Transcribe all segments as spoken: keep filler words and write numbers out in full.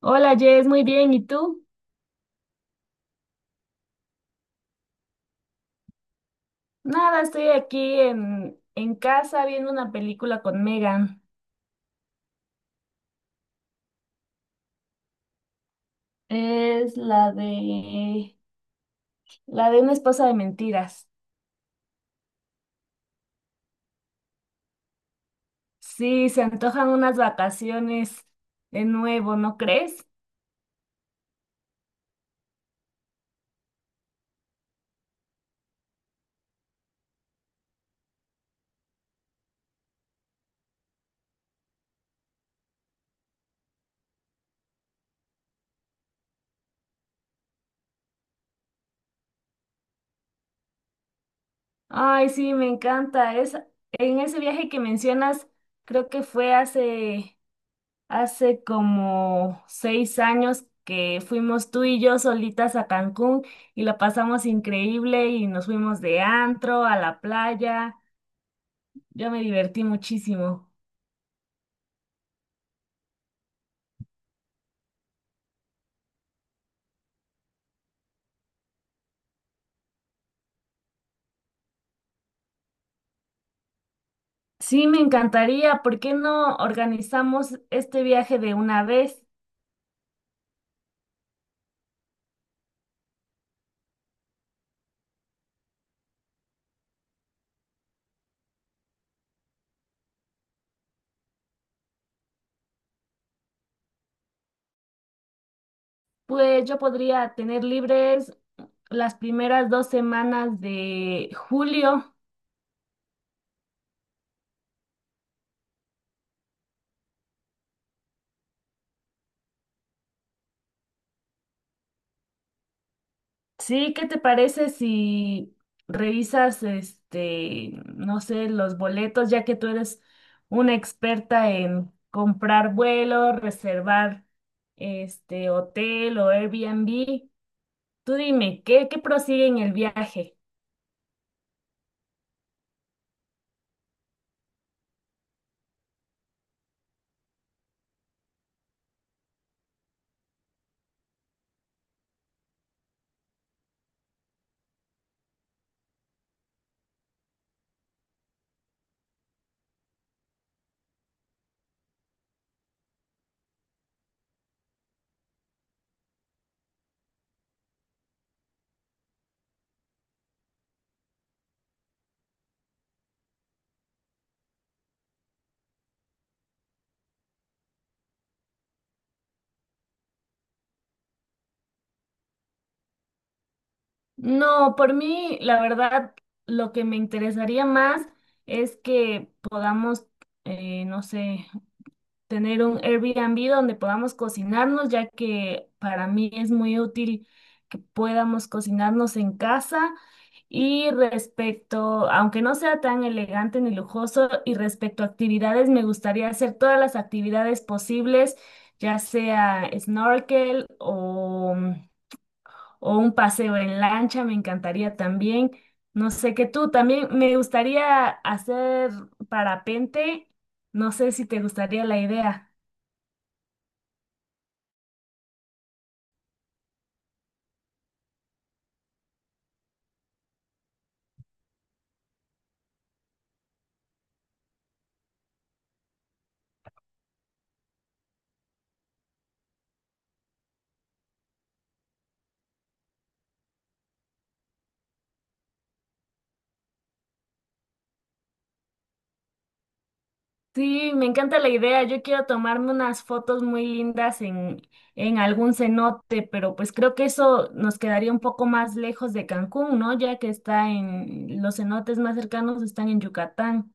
Hola Jess, muy bien. ¿Y tú? Nada, estoy aquí en, en casa viendo una película con Megan. Es la de la de una esposa de mentiras. Sí, se antojan unas vacaciones de nuevo, ¿no crees? Ay, sí, me encanta. Es, en ese viaje que mencionas, creo que fue hace hace como seis años que fuimos tú y yo solitas a Cancún y la pasamos increíble y nos fuimos de antro a la playa. Yo me divertí muchísimo. Sí, me encantaría. ¿Por qué no organizamos este viaje de una vez? Pues yo podría tener libres las primeras dos semanas de julio. Sí, ¿qué te parece si revisas, este, no sé, los boletos, ya que tú eres una experta en comprar vuelos, reservar, este, hotel o Airbnb? Tú dime, ¿qué, qué prosigue en el viaje? No, por mí, la verdad, lo que me interesaría más es que podamos, eh, no sé, tener un Airbnb donde podamos cocinarnos, ya que para mí es muy útil que podamos cocinarnos en casa. Y respecto, aunque no sea tan elegante ni lujoso, y respecto a actividades, me gustaría hacer todas las actividades posibles, ya sea snorkel o, o un paseo en lancha, me encantaría también. No sé, que tú también me gustaría hacer parapente, no sé si te gustaría la idea. Sí, me encanta la idea. Yo quiero tomarme unas fotos muy lindas en, en algún cenote, pero pues creo que eso nos quedaría un poco más lejos de Cancún, ¿no? Ya que está en los cenotes más cercanos están en Yucatán.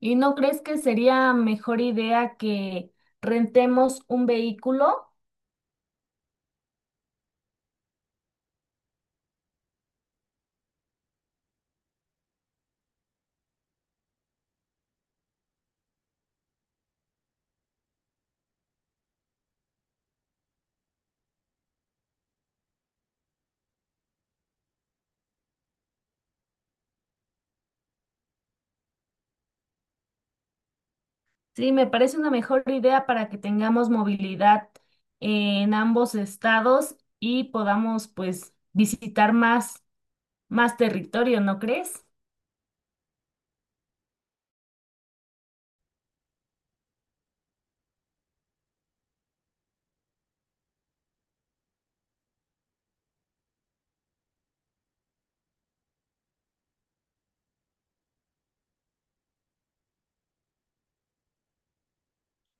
¿Y no crees que sería mejor idea que rentemos un vehículo? Sí, me parece una mejor idea para que tengamos movilidad en ambos estados y podamos pues visitar más, más territorio, ¿no crees?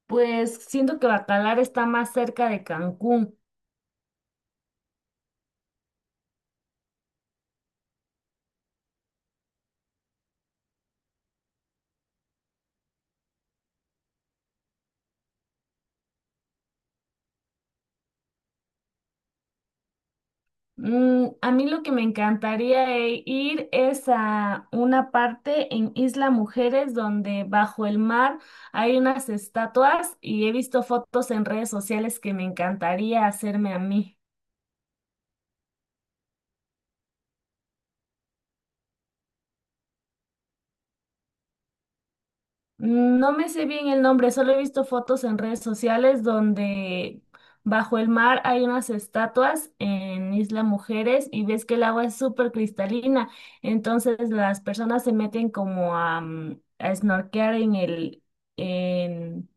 Pues siento que Bacalar está más cerca de Cancún. Mm, a mí lo que me encantaría e- ir es a una parte en Isla Mujeres donde bajo el mar hay unas estatuas y he visto fotos en redes sociales que me encantaría hacerme a mí. No me sé bien el nombre, solo he visto fotos en redes sociales donde bajo el mar hay unas estatuas en Isla Mujeres y ves que el agua es súper cristalina, entonces las personas se meten como a, mm, a snorkear en el, en,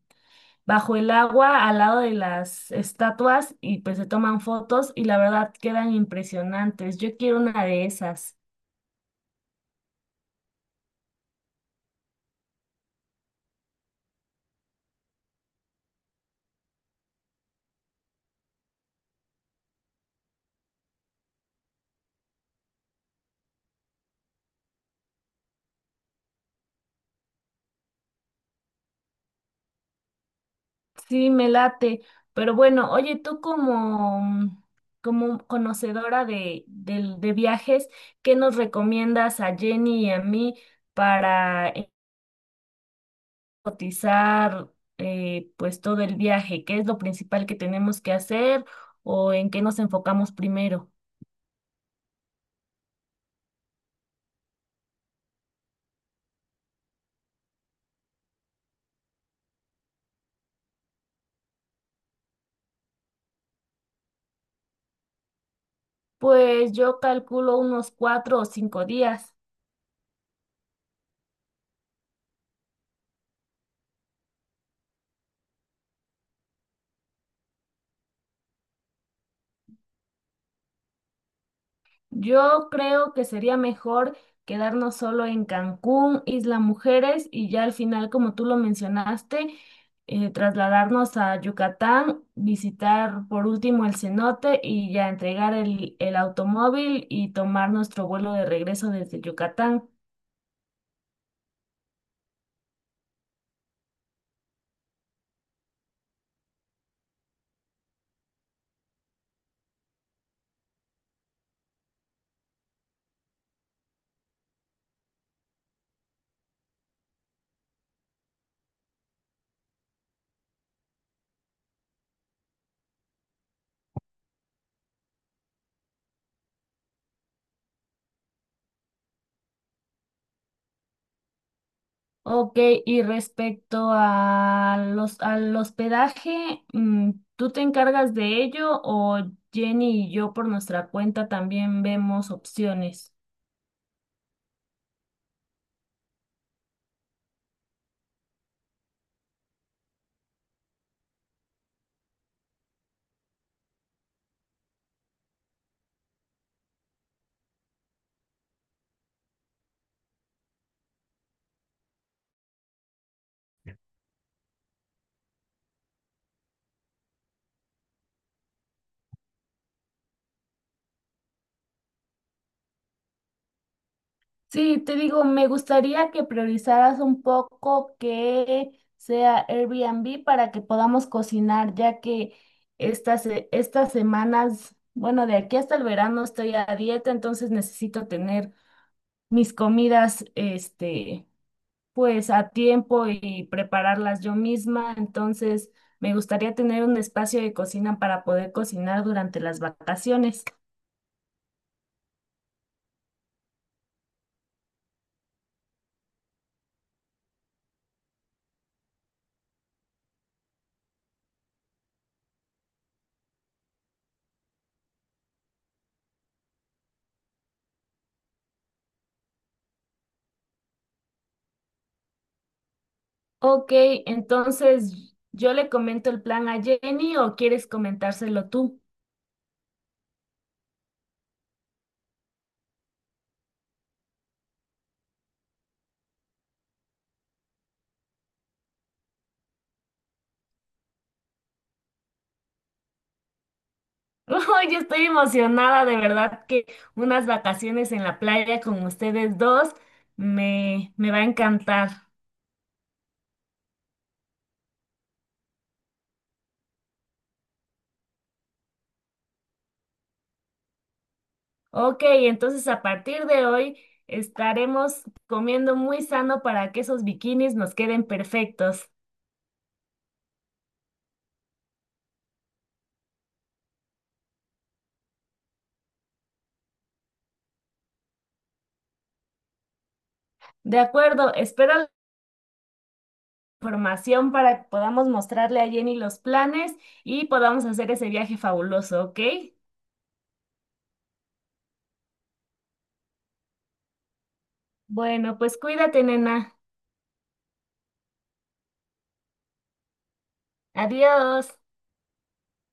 bajo el agua al lado de las estatuas y pues se toman fotos y la verdad quedan impresionantes. Yo quiero una de esas. Sí, me late. Pero bueno, oye, tú como, mm, como conocedora de, del- de viajes, ¿qué nos recomiendas a Jenny y a mí para eh, cotizar, eh, pues todo el viaje? ¿Qué es lo principal que tenemos que hacer o en qué nos enfocamos primero? Pues yo calculo unos cuatro o cinco días. Yo creo que sería mejor quedarnos solo en Cancún, Isla Mujeres y ya al final, como tú lo mencionaste, eh, trasladarnos a Yucatán, visitar por último el cenote y ya entregar el, el automóvil y tomar nuestro vuelo de regreso desde Yucatán. Ok, y respecto a los, al hospedaje, mm, ¿tú te encargas de ello o Jenny y yo por nuestra cuenta también vemos opciones? Sí, te digo, me gustaría que priorizaras un poco que sea Airbnb para que podamos cocinar, ya que estas, se- estas semanas, bueno, de aquí hasta el verano estoy a dieta, entonces necesito tener mis comidas, este, pues a tiempo y prepararlas yo misma. Entonces, me gustaría tener un espacio de cocina para poder cocinar durante las vacaciones. Ok, entonces yo le comento el plan a Jenny o quieres comentárselo tú. Ay, yo estoy emocionada, de verdad que unas vacaciones en la playa con ustedes dos me, me va a encantar. Ok, entonces a partir de hoy estaremos comiendo muy sano para que esos bikinis nos queden perfectos. De acuerdo, espero la información para que podamos mostrarle a Jenny los planes y podamos hacer ese viaje fabuloso, ¿ok? Bueno, pues cuídate, nena. Adiós.